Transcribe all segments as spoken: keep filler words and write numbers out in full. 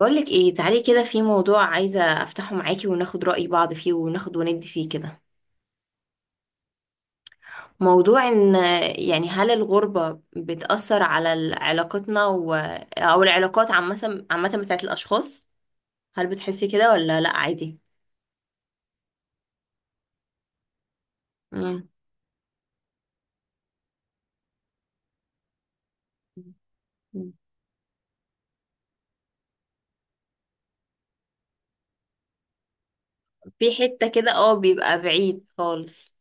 بقولك ايه؟ تعالي كده، في موضوع عايزة افتحه معاكي وناخد رأي بعض فيه، وناخد وندي فيه كده. موضوع ان يعني، هل الغربة بتأثر على ال- علاقتنا و... او العلاقات عامة، عامة بتاعت الاشخاص؟ هل بتحسي كده ولا لا عادي؟ مم. في حتة كده، اه بيبقى بعيد خالص.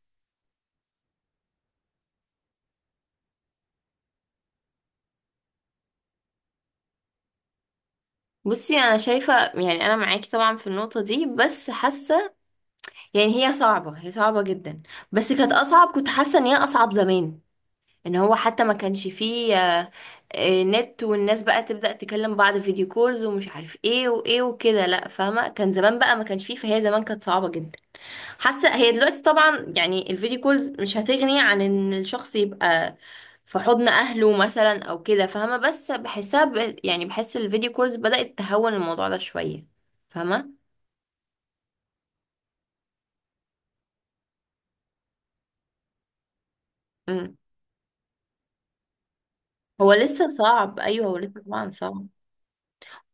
بصي، انا شايفة، يعني انا معاكي طبعا في النقطة دي، بس حاسة يعني هي صعبة، هي صعبة جدا. بس كانت اصعب، كنت حاسة ان هي اصعب زمان، ان هو حتى ما كانش فيه آه، آه، نت. والناس بقى تبدأ تكلم بعض، فيديو كولز ومش عارف ايه وايه وكده. لا فاهمة، كان زمان بقى ما كانش فيه، فهي زمان كانت صعبة جدا. حاسة هي دلوقتي طبعا يعني الفيديو كولز مش هتغني عن ان الشخص يبقى في حضن اهله مثلا او كده، فاهمة؟ بس بحسها ب... يعني بحس الفيديو كولز بدأت تهون الموضوع ده شوية، فاهمة؟ مم. هو لسه صعب، ايوه، هو لسه طبعا صعب.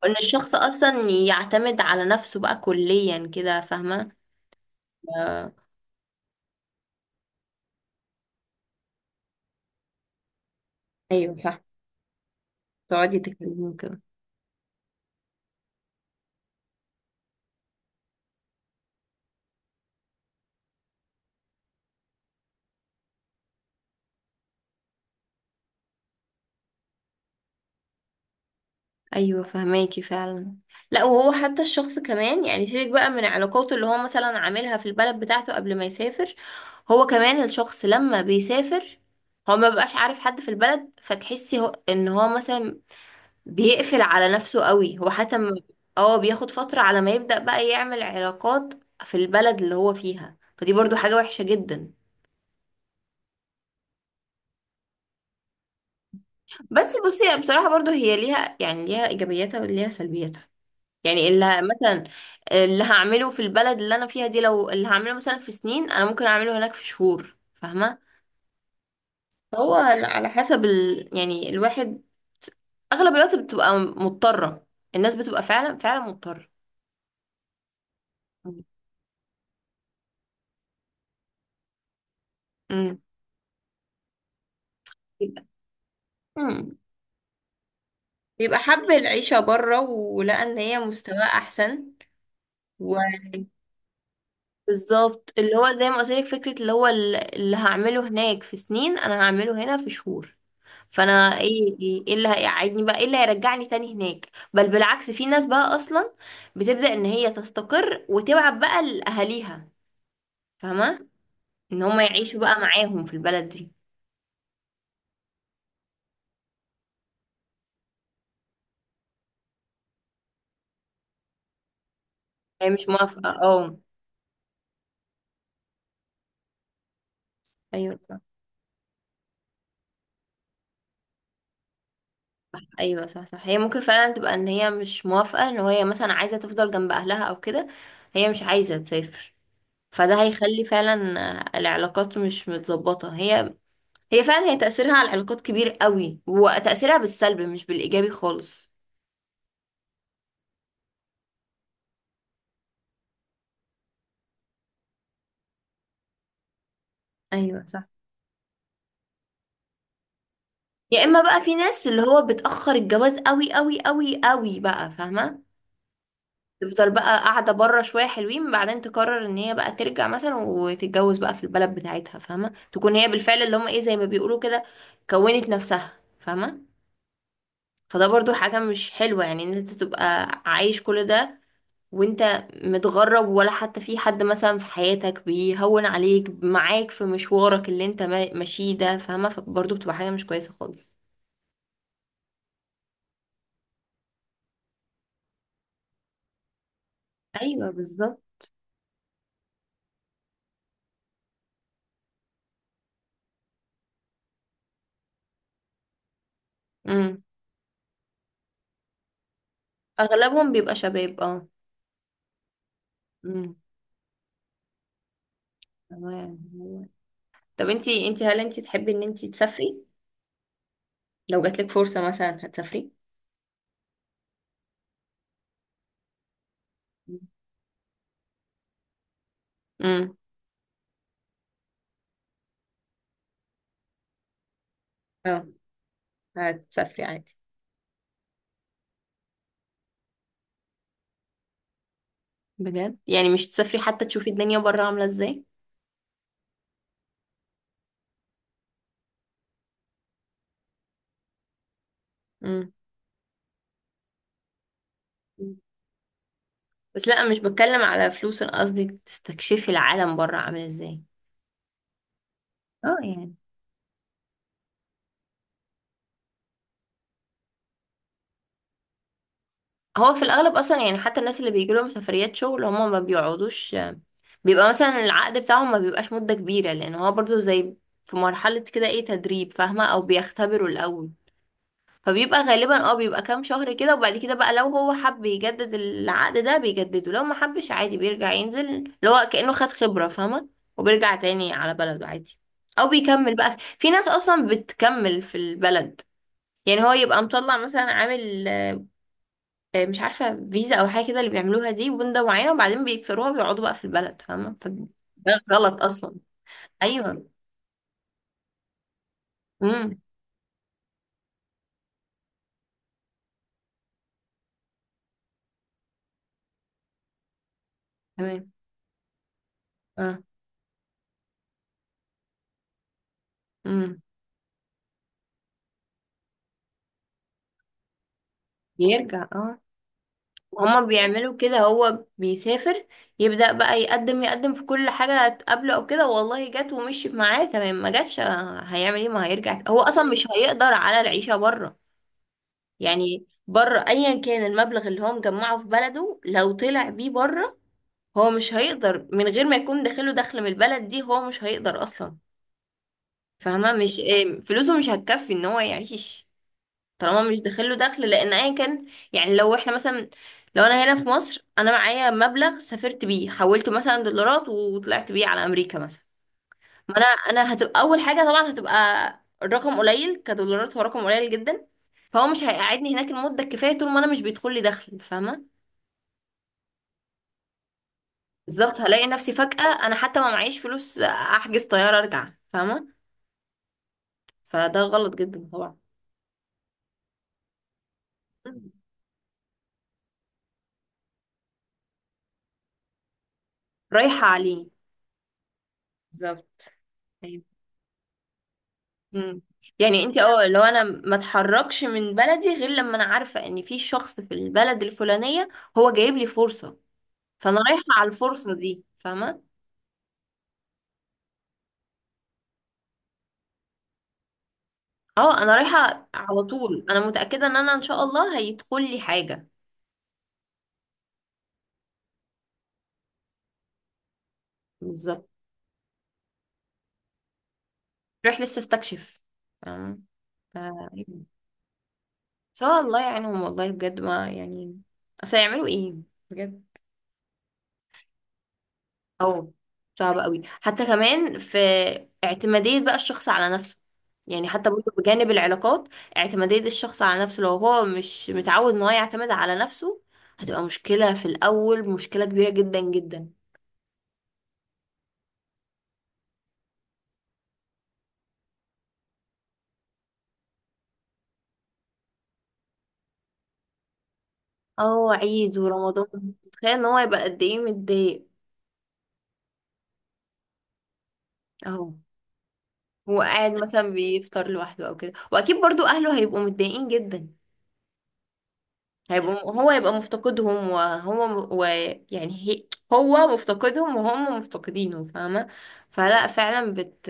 ان الشخص اصلا يعتمد على نفسه بقى كليا كده، فاهمة؟ آه. ايوه صح، تقعدي تكلميهم كده. ايوه فهماكي فعلا. لا، وهو حتى الشخص كمان يعني، سيبك بقى من علاقاته اللي هو مثلا عاملها في البلد بتاعته قبل ما يسافر، هو كمان الشخص لما بيسافر، هو ما بقاش عارف حد في البلد، فتحسي هو ان هو مثلا بيقفل على نفسه قوي. هو حتى ما- اه بياخد فترة على ما يبدأ بقى يعمل علاقات في البلد اللي هو فيها، فدي برضو حاجة وحشة جدا. بس بصي بصراحة برضو هي ليها يعني ليها إيجابياتها وليها سلبياتها. يعني اللي ه- مثلا اللي هعمله في البلد اللي انا فيها دي، لو اللي هعمله مثلا في سنين انا ممكن اعمله هناك في شهور، فاهمه؟ هو على على حسب ال... يعني الواحد اغلب الوقت بتبقى مضطره، الناس بتبقى فعلا، فعلا مضطره. امم. بيبقى مم. بيبقى حب العيشه بره ولقى ان هي مستواه احسن. و بالظبط اللي هو زي ما قلت لك فكره، اللي هو ال- اللي هعمله هناك في سنين انا هعمله هنا في شهور. فانا ايه ايه إيه اللي هيقعدني بقى، ايه اللي هيرجعني تاني هناك؟ بل بالعكس، في ناس بقى اصلا بتبدأ ان هي تستقر وتبعت بقى لاهاليها، فاهمه؟ ان هم يعيشوا بقى معاهم في البلد دي. هي مش موافقه، اه. ايوه صح. ايوه صح صح، هي ممكن فعلا تبقى ان هي مش موافقه، ان هي مثلا عايزه تفضل جنب اهلها او كده، هي مش عايزه تسافر. فده هيخلي فعلا العلاقات مش متظبطه. هي، هي فعلا، هي تأثيرها على العلاقات كبير قوي، وتأثيرها بالسلب مش بالإيجابي خالص. ايوه صح. يا اما بقى في ناس اللي هو بتأخر الجواز قوي قوي قوي قوي بقى، فاهمة؟ تفضل بقى قاعدة بره شوية حلوين، بعدين تقرر ان هي بقى ترجع مثلا وتتجوز بقى في البلد بتاعتها، فاهمة؟ تكون هي بالفعل اللي هم ايه زي ما بيقولوا كده، كونت نفسها، فاهمة؟ فده برضو حاجة مش حلوة، يعني ان انت تبقى عايش كل ده وانت متغرب، ولا حتى في حد مثلا في حياتك بيهون عليك، معاك في مشوارك اللي انت ما- ماشيه ده، فاهمة؟ فبرضو بتبقى حاجة مش كويسة خالص. ايوه بالظبط. امم. اغلبهم بيبقى شباب، اه. امم. تمام. طب انتي انتي هل انتي تحبي ان انتي تسافري؟ لو جاتلك فرصة مثلا هتسافري؟ امم. اه، هتسافري عادي. بجد؟ يعني مش تسافري حتى تشوفي الدنيا بره عاملة ازاي؟ امم. مم. بس لا، مش بتكلم على فلوس، انا قصدي تستكشفي العالم بره عامل ازاي. اه يعني، هو في الاغلب اصلا يعني حتى الناس اللي بيجي لهم سفريات شغل هم ما بيقعدوش، بيبقى مثلا العقد بتاعهم ما بيبقاش مدة كبيرة، لان هو برضو زي في مرحلة كده ايه، تدريب، فاهمة؟ او بيختبروا الاول، فبيبقى غالبا اه بيبقى كام شهر كده، وبعد كده بقى لو هو حب يجدد العقد ده بيجدده، لو ما حبش عادي بيرجع ينزل، اللي هو كأنه خد خبرة، فاهمة؟ وبيرجع تاني على بلده عادي، او بيكمل. بقى في ناس اصلا بتكمل في البلد، يعني هو يبقى مطلع مثلا عامل آه، مش عارفة، فيزا أو حاجة كده اللي بيعملوها دي وبندة معينة، وبعدين بيكسروها وبيقعدوا بقى في البلد، فاهمة؟ فده غلط أصلا. أيوه. امم. تمام. اه. امم. بيرجع، اه. هما بيعملوا كده، هو بيسافر يبدأ بقى يقدم، يقدم في كل حاجة تقابله أو كده، والله جت ومشيت معاه تمام، ما جاتش آه، هيعمل ايه؟ ما هيرجع، هو أصلا مش هيقدر على العيشة بره. يعني بره أيا كان المبلغ اللي هو مجمعه في بلده، لو طلع بيه بره هو مش هيقدر من غير ما يكون داخله دخل من البلد دي، هو مش هيقدر اصلا، فاهمه؟ مش إيه، فلوسه مش هتكفي ان هو يعيش طالما مش داخله دخل، لان ايا كان يعني. لو احنا مثلا، لو انا هنا في مصر انا معايا مبلغ سافرت بيه، حولته مثلا دولارات وطلعت بيه على امريكا مثلا، ما انا انا هتبقى اول حاجه طبعا هتبقى الرقم قليل كدولارات، هو رقم قليل جدا، فهو مش هيقعدني هناك المده الكفايه طول ما انا مش بيدخل لي دخل، فاهمه؟ بالظبط، هلاقي نفسي فجأة انا حتى ما معيش فلوس احجز طيارة ارجع، فاهمة؟ فده غلط جدا طبعا. مم. رايحة عليه، بالظبط. أيوة. مم. يعني انت اه لو انا ما اتحركش من بلدي غير لما انا عارفة ان في شخص في البلد الفلانية هو جايب لي فرصة، فانا رايحة على الفرصة دي، فاهمة؟ اه، انا رايحة على طول، انا متأكدة ان انا ان شاء الله هيدخل لي حاجة. بالظبط. رايح لسه استكشف، فاهمة؟ ف- ان شاء الله يعينهم والله بجد، ما يعني اصل هيعملوا ايه؟ بجد. او صعب قوي، حتى كمان في اعتمادية بقى الشخص على نفسه، يعني حتى برضه بجانب العلاقات، اعتمادية الشخص على نفسه لو هو مش متعود ان هو يعتمد على نفسه هتبقى مشكلة في الأول، مشكلة كبيرة جدا جدا. اه، عيد ورمضان، تخيل ان هو يبقى قد ايه متضايق. اهو. هو قاعد مثلا بيفطر لوحده او كده، واكيد برضو اهله هيبقوا متضايقين جدا. هيبقوا، هو يبقى مفتقدهم، وهو ويعني هي، هو مفتقدهم وهم مفتقدينه، فاهمة؟ فلا فعلا بت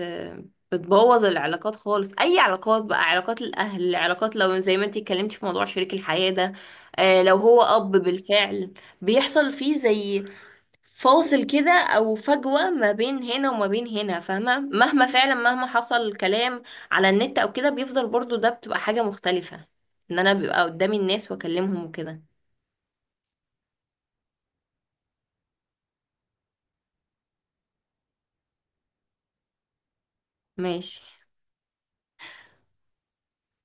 بتبوظ العلاقات خالص، اي علاقات بقى، علاقات الاهل، علاقات لو زي ما انتي اتكلمتي في موضوع شريك الحياة ده، آه لو هو اب بالفعل بيحصل فيه زي فاصل كده او فجوة ما بين هنا وما بين هنا، فاهمة؟ مهما فعلا مهما حصل كلام على النت او كده بيفضل برضو ده بتبقى حاجة مختلفة، ان انا بيبقى قدامي الناس واكلمهم وكده. ماشي.